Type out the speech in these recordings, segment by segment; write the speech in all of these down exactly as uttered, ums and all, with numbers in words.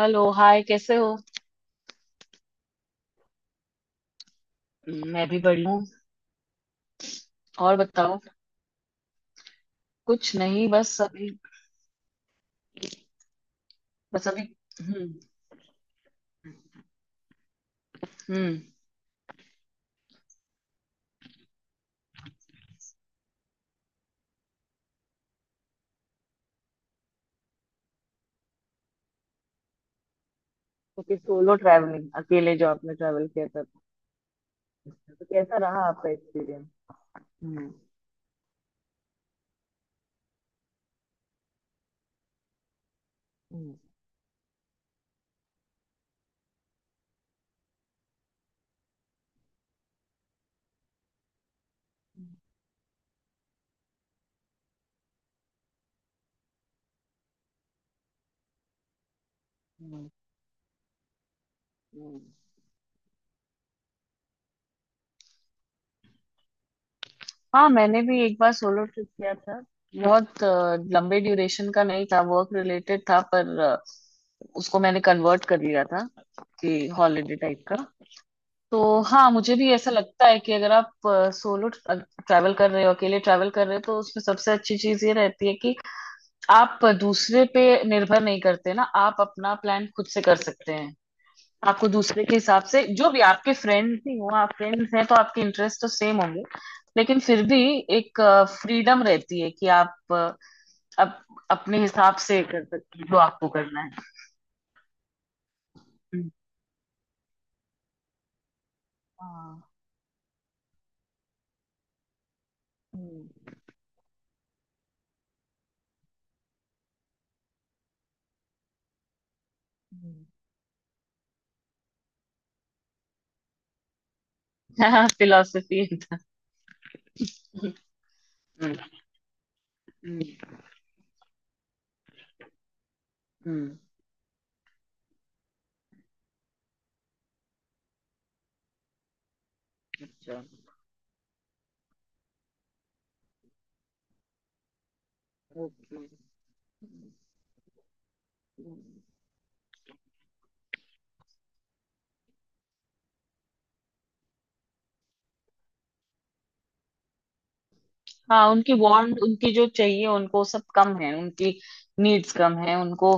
Hello. Hi, कैसे हो? मैं भी बढ़िया हूँ। और बताओ। कुछ नहीं, बस अभी। बस अभी। हम्म। हम्म। क्योंकि सोलो ट्रैवलिंग, अकेले जो आपने ट्रैवल किया था। तो कैसा रहा आपका एक्सपीरियंस? हम्म। हम्म। हम्म। हम्म। हाँ, मैंने भी एक बार सोलो ट्रिप किया था। बहुत अ, लंबे ड्यूरेशन का नहीं था। वर्क रिलेटेड था, पर अ, उसको मैंने कन्वर्ट कर लिया था। कि हॉलीडे टाइप का। तो हाँ, मुझे भी ऐसा लगता है कि अगर आप सोलो ट्रैवल कर रहे हो, अकेले ट्रैवल कर रहे हो, तो उसमें सबसे अच्छी चीज ये रहती है कि आप दूसरे पे निर्भर नहीं करते ना, आप अपना प्लान खुद से कर सकते हैं। आपको दूसरे के हिसाब से, जो भी आपके फ्रेंड ही हो, आप फ्रेंड्स हैं तो आपके इंटरेस्ट तो सेम होंगे, लेकिन फिर भी एक फ्रीडम रहती है कि आप अ, अप, अपने हिसाब से कर सकते हैं जो आपको करना है। हम्म। हाँ। हम्म। हम्म। हाँ, फिलोसफी था। हम्म। हम्म। हम्म। अच्छा। ओके। हाँ, उनकी वांट, उनकी जो चाहिए उनको सब कम है, उनकी नीड्स कम है उनको।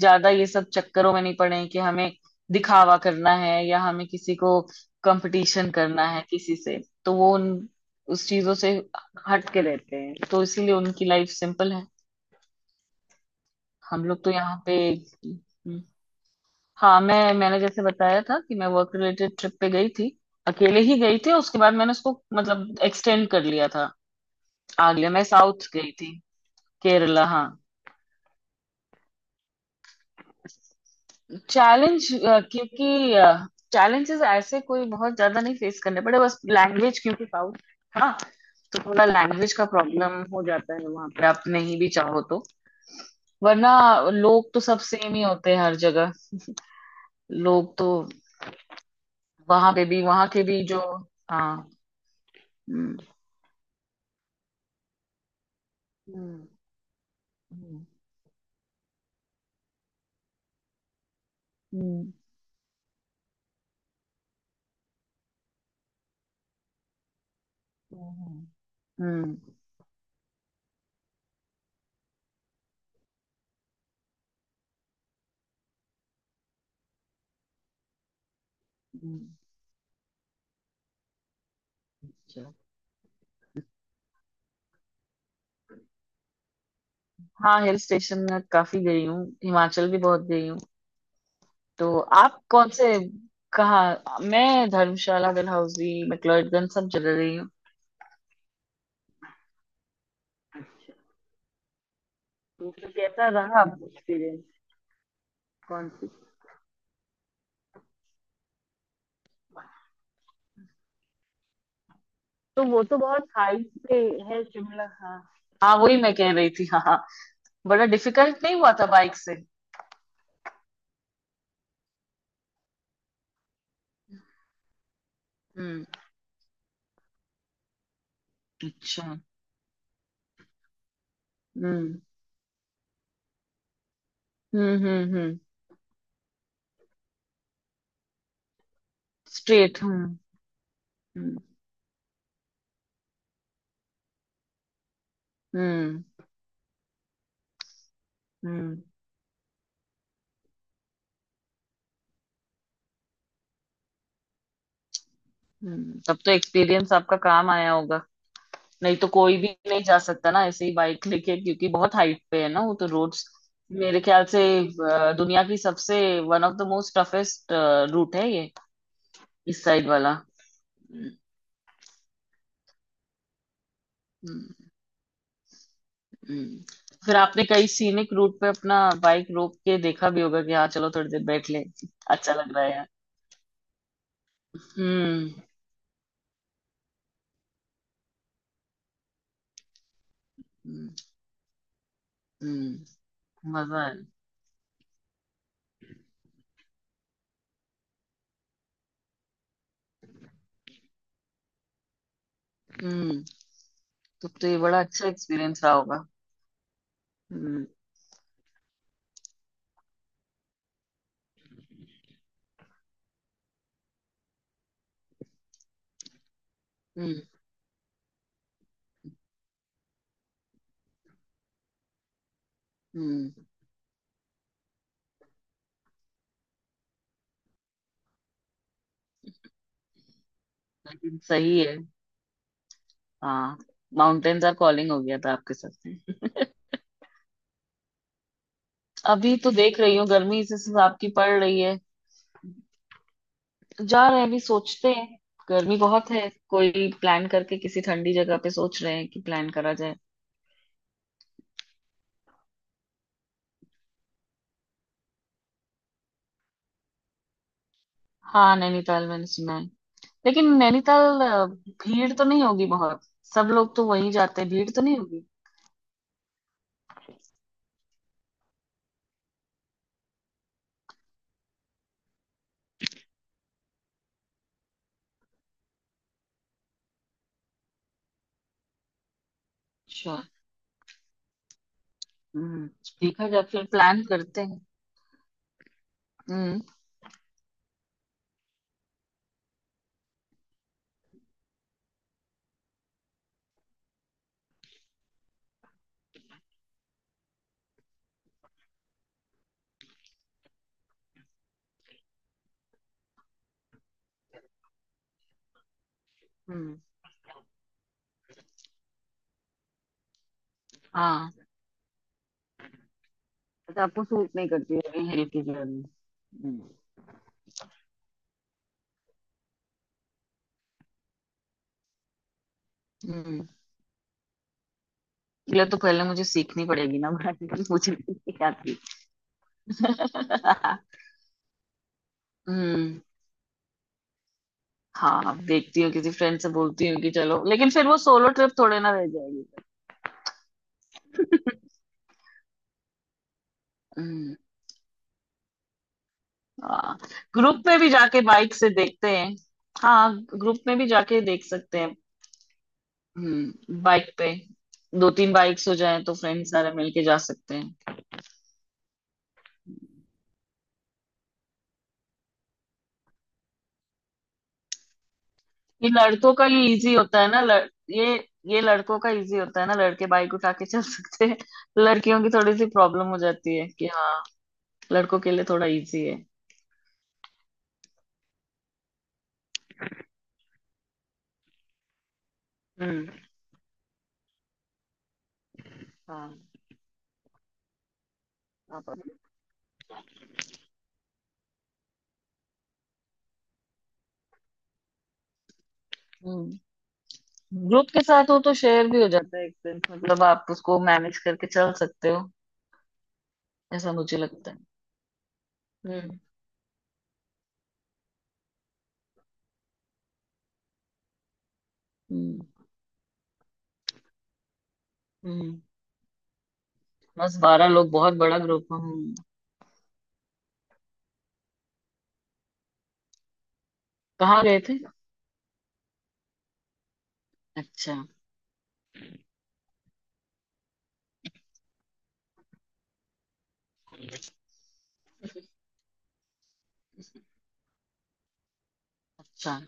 ज्यादा ये सब चक्करों में नहीं पड़े हैं कि हमें दिखावा करना है या हमें किसी को कंपटीशन करना है किसी से। तो वो उन उस चीजों से हट के रहते हैं, तो इसीलिए उनकी लाइफ सिंपल है। हम लोग तो यहाँ पे। हम्म। हाँ, मैं मैंने जैसे बताया था कि मैं वर्क रिलेटेड ट्रिप पे गई थी। अकेले ही गई थी, उसके बाद मैंने उसको मतलब एक्सटेंड कर लिया था। आगे मैं साउथ गई थी। केरला, हाँ। चैलेंज? क्योंकि चैलेंजेस ऐसे कोई बहुत ज्यादा नहीं फेस करने पड़े, बस लैंग्वेज, क्योंकि साउथ। हाँ। तो थोड़ा लैंग्वेज का प्रॉब्लम हो जाता है वहां पे, आप नहीं भी चाहो तो। वरना लोग तो सब सेम ही होते हैं हर जगह। लोग तो वहां पे भी, वहां के भी जो। हाँ। हम्म। हम्म। हम्म। हम्म। हम्म। हम्म। हम्म। चलो। हाँ, हिल स्टेशन में काफी गई हूँ। हिमाचल भी बहुत गई हूँ। तो आप कौन से? कहाँ? मैं धर्मशाला, डलहौजी, मैक्लोडगंज, सब जगह गई हूँ। तो फिर कैसा रहा आपका एक्सपीरियंस? कौन सी? तो वो तो बहुत हाइट पे है शिमला, हाँ। हाँ, वही मैं कह रही थी। हाँ, हाँ। बड़ा डिफिकल्ट नहीं हुआ था बाइक से? हम्म। अच्छा। हम्म। हम्म। हम्म। हम्म। स्ट्रेट। हम्म। हम्म। हम्म। हम्म। हम्म, तब तो एक्सपीरियंस आपका काम आया होगा। नहीं तो कोई भी नहीं जा सकता ना, ऐसे ही बाइक लेके, क्योंकि बहुत हाइट पे है ना वो तो रोड्स। मेरे ख्याल से अ, दुनिया की सबसे, one of the most toughest route है ये। इस साइड वाला। हम्म। हम्म। हम्म। फिर आपने कई सीनिक रूट पे अपना बाइक रोक के देखा भी होगा कि हाँ चलो थोड़ी देर बैठ ले। अच्छा लग रहा है यार। हम्म। हम्म। हम्म, मजा है। हम्म, तब तो ये बड़ा अच्छा एक्सपीरियंस रहा होगा। हम्म। हम्म। हम्म। लेकिन सही है। हाँ। माउंटेन्स आर कॉलिंग हो गया था आपके साथ में। अभी तो देख रही हूँ, गर्मी इस हिसाब की पड़ रही है। जा रहे हैं, अभी सोचते हैं। गर्मी बहुत है। कोई प्लान करके किसी ठंडी जगह पे सोच रहे हैं कि प्लान करा जाए। हाँ, नैनीताल मैंने सुना है। लेकिन नैनीताल अ, भीड़ तो नहीं होगी बहुत? सब लोग तो वहीं जाते हैं, भीड़ तो नहीं होगी? श्योर। हम्म, देखा जाए, फिर प्लान करते हैं। हम्म। हम्म। हाँ, तो आपको सूट नहीं करती है हिल की जर्नी? हम्म। हम्म। ये तो पहले मुझे सीखनी पड़ेगी ना, बनानी मुझे नहीं आती। हम्म। हाँ, देखती हूँ किसी फ्रेंड से बोलती हूँ कि चलो, लेकिन फिर वो सोलो ट्रिप थोड़े ना रह जाएगी। हम्म। हाँ, ग्रुप में भी जाके बाइक से देखते हैं। हाँ, ग्रुप में भी जाके देख सकते हैं। हम्म, बाइक पे। दो तीन बाइक्स हो जाएं तो फ्रेंड सारे मिलके जा सकते हैं। ये लड़कों का ये इजी होता है ना, लड़, ये ये लड़कों का इजी होता है ना। लड़के बाइक उठा के चल सकते हैं, लड़कियों की थोड़ी सी प्रॉब्लम हो जाती है कि हाँ। लड़कों के लिए थोड़ा इजी है। हम्म। हाँ। आप अपने- हम्म, ग्रुप के साथ हो तो शेयर भी हो जाता है एक्सपेंस, मतलब आप उसको मैनेज करके चल सकते हो। ऐसा मुझे लगता है। हम्म। हम्म। हम्म। बस, बारह लोग बहुत बड़ा ग्रुप हम। कहाँ गए थे? अच्छा। अच्छा।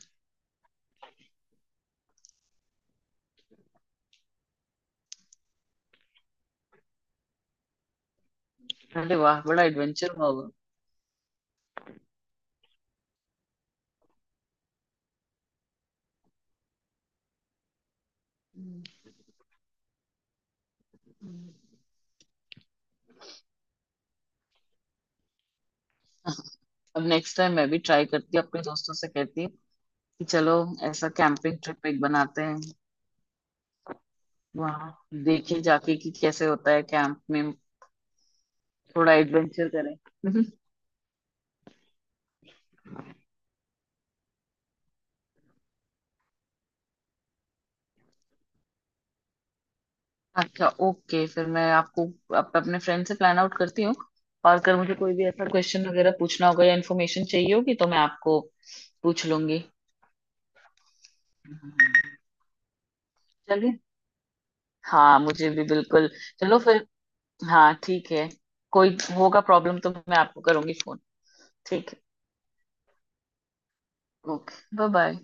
अरे वाह, बड़ा एडवेंचर हुआ होगा। हम्म, अब नेक्स्ट टाइम मैं भी ट्राई करती हूँ, अपने दोस्तों से कहती हूँ। कि चलो। ऐसा कैंपिंग ट्रिप एक बनाते हैं। वहाँ। देखें जाके कि कैसे होता है कैंप में। थोड़ा एडवेंचर करें। अच्छा। ओके। फिर मैं आपको अप, अपने फ्रेंड से प्लान आउट करती हूँ। और अगर मुझे कोई भी ऐसा क्वेश्चन वगैरह पूछना होगा या इन्फॉर्मेशन चाहिए होगी तो मैं आपको पूछ लूंगी। चलिए। हाँ, मुझे भी बिल्कुल। चलो फिर। हाँ, ठीक है। कोई होगा प्रॉब्लम तो मैं आपको करूंगी फोन। ठीक है। Okay, bye bye.